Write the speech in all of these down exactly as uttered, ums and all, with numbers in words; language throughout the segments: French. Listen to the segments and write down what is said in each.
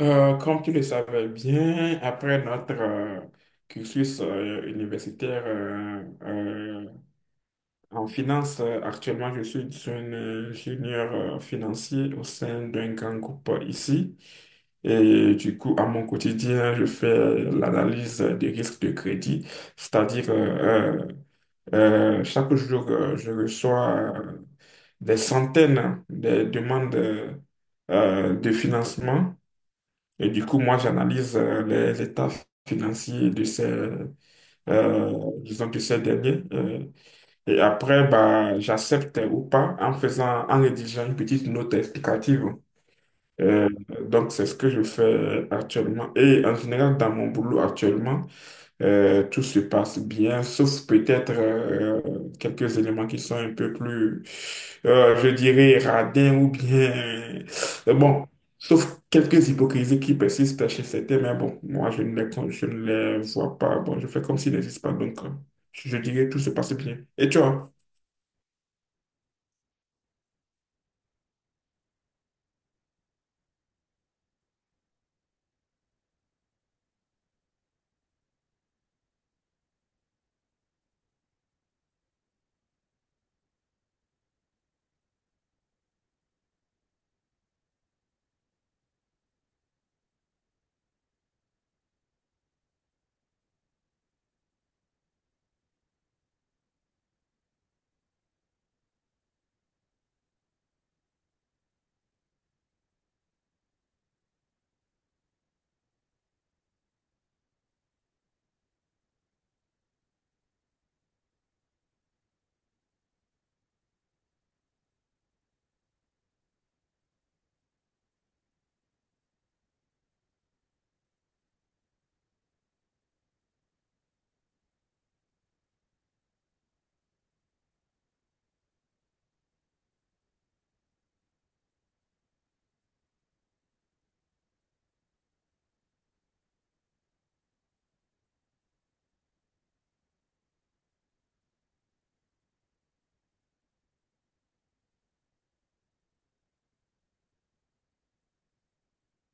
Euh, comme tu le savais bien, après notre euh, cursus euh, universitaire euh, euh, en finance, euh, actuellement je suis un ingénieur euh, financier au sein d'un grand groupe euh, ici. Et du coup, à mon quotidien, je fais l'analyse des risques de crédit, c'est-à-dire euh, euh, euh, chaque jour, euh, je reçois euh, des centaines de demandes euh, de financement, et du coup, moi, j'analyse euh, les états financiers de ces, euh, disons, de ces derniers. Euh, et après, bah, j'accepte ou pas en faisant, en rédigeant une petite note explicative. Euh, donc, c'est ce que je fais actuellement. Et en général, dans mon boulot actuellement, euh, tout se passe bien, sauf peut-être euh, quelques éléments qui sont un peu plus, euh, je dirais, radins ou bien... euh, Bon, sauf quelques hypocrisies qui persistent chez certains, mais bon, moi, je ne les, con- je ne les vois pas. Bon, je fais comme s'ils n'existent pas, donc euh, je dirais tout se passe bien. Et toi?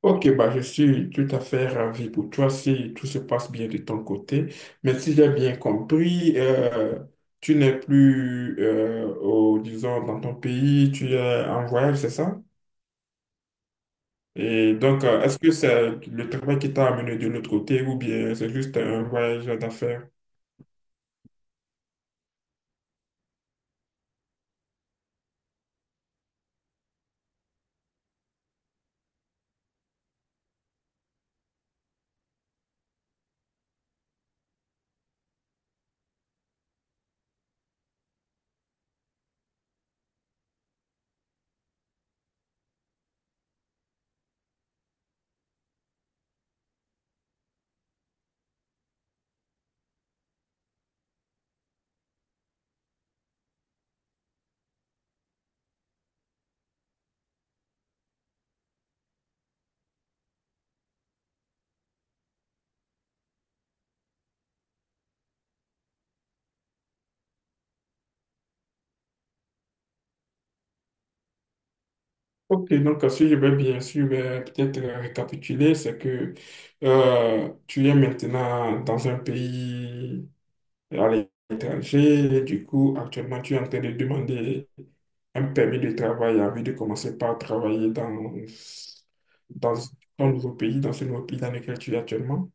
Ok, bah, je suis tout à fait ravi pour toi si tout se passe bien de ton côté. Mais si j'ai bien compris, euh, tu n'es plus, euh, au, disons, dans ton pays, tu es en voyage, c'est ça? Et donc, euh, est-ce que c'est le travail qui t'a amené de l'autre côté ou bien c'est juste un voyage d'affaires? Ok, donc à je vais bien sûr euh, peut-être euh, récapituler, c'est que euh, tu es maintenant dans un pays à l'étranger, et du coup actuellement tu es en train de demander un permis de travail envie de commencer par travailler dans, dans ton nouveau pays, dans ce nouveau pays dans lequel tu es actuellement.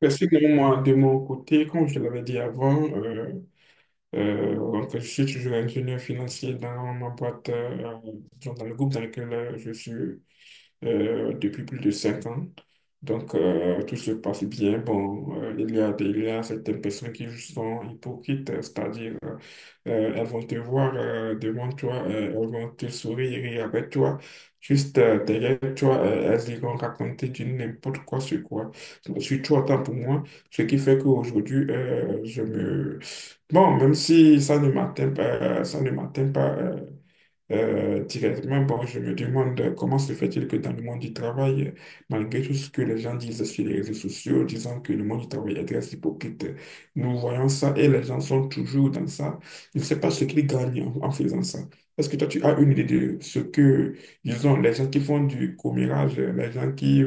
Parce que moi, de mon côté, comme je l'avais dit avant, euh, Euh, donc, je suis toujours ingénieur financier dans ma boîte, euh, disons, dans le groupe dans lequel euh, je suis euh, depuis plus de cinq ans. Donc, euh, tout se passe bien. Bon, euh, il y a des, il y a certaines personnes qui sont hypocrites, euh, c'est-à-dire, euh, euh, elles vont te voir euh, devant toi, euh, elles vont te sourire et rire avec toi. Juste euh, derrière toi, euh, elles iront raconter du n'importe quoi sur quoi, sur toi, tant pour moi. Ce qui fait qu'aujourd'hui, euh, je me... Bon, même si ça ne m'atteint pas, euh, ça ne m'atteint pas, euh, euh, directement, bon, je me demande comment se fait-il que dans le monde du travail, malgré tout ce que les gens disent sur les réseaux sociaux, disant que le monde du travail est très hypocrite, nous voyons ça et les gens sont toujours dans ça. Je ne sais pas ce qu'ils gagnent en, en faisant ça. Est-ce que toi, tu as une idée de ce que, disons, les gens qui font du commérage, les gens qui,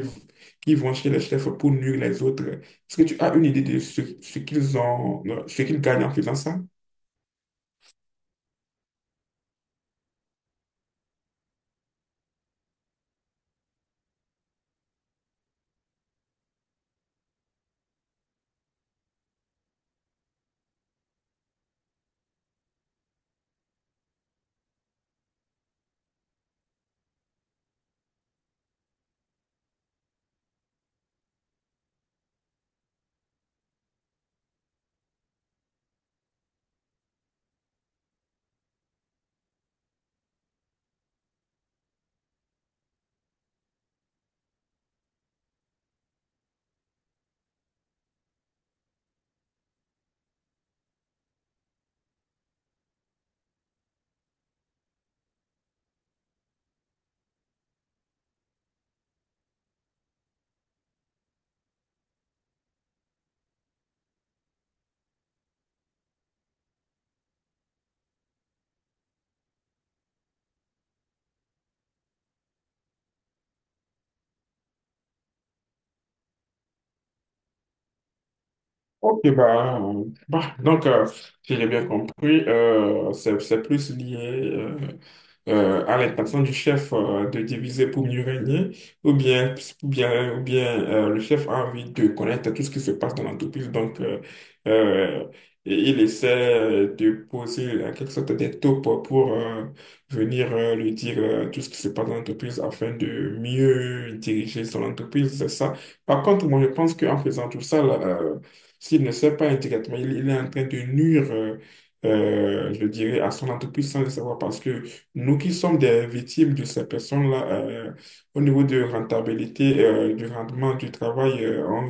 qui vont chez les chefs pour nuire les autres, est-ce que tu as une idée de ce, ce qu'ils ont, ce qu'ils gagnent en faisant ça? Ok, bah, euh, bah, donc, euh, si j'ai bien compris, euh, c'est, c'est plus lié euh, euh, à l'intention du chef euh, de diviser pour mieux régner, ou bien, ou bien, ou bien euh, le chef a envie de connaître tout ce qui se passe dans l'entreprise, donc euh, euh, et il essaie de poser en quelque sorte des taupes pour euh, venir euh, lui dire euh, tout ce qui se passe dans l'entreprise afin de mieux diriger son entreprise, c'est ça. Par contre, moi, je pense qu'en faisant tout ça, là, euh, s'il ne sait pas indirectement, il, il est en train de nuire, euh, euh, je dirais, à son entreprise sans le savoir parce que nous qui sommes des victimes de ces personnes-là, euh, au niveau de rentabilité, euh, du rendement du travail, euh, on,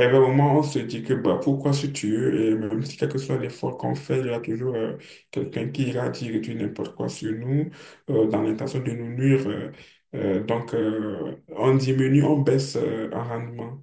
à un moment, on se dit que bah, pourquoi se tuer? Et même si quel que soit l'effort qu'on fait, il y a toujours euh, quelqu'un qui ira dire du n'importe quoi sur nous euh, dans l'intention de nous nuire. Euh, euh, donc, euh, on diminue, on baisse euh, en rendement.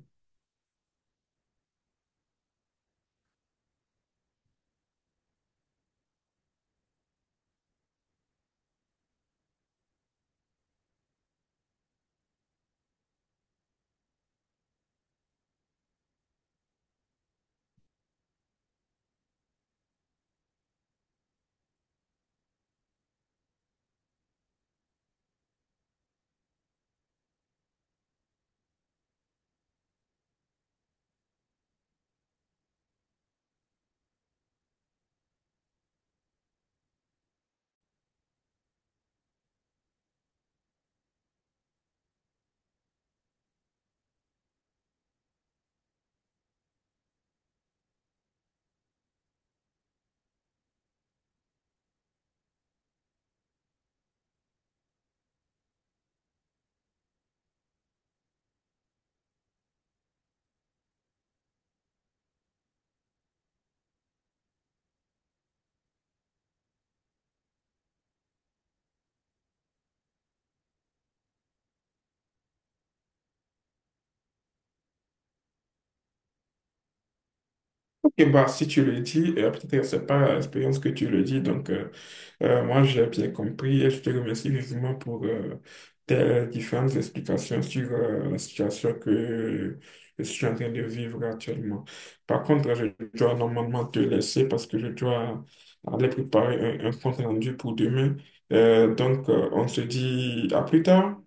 Ok, bah, si tu le dis, euh, peut-être que c'est pas l'expérience que tu le dis, donc euh, euh, moi j'ai bien compris et je te remercie vivement pour euh, tes différentes explications sur euh, la situation que je suis en train de vivre actuellement. Par contre, je dois normalement te laisser parce que je dois aller préparer un, un compte rendu pour demain. Euh, donc, euh, on se dit à plus tard.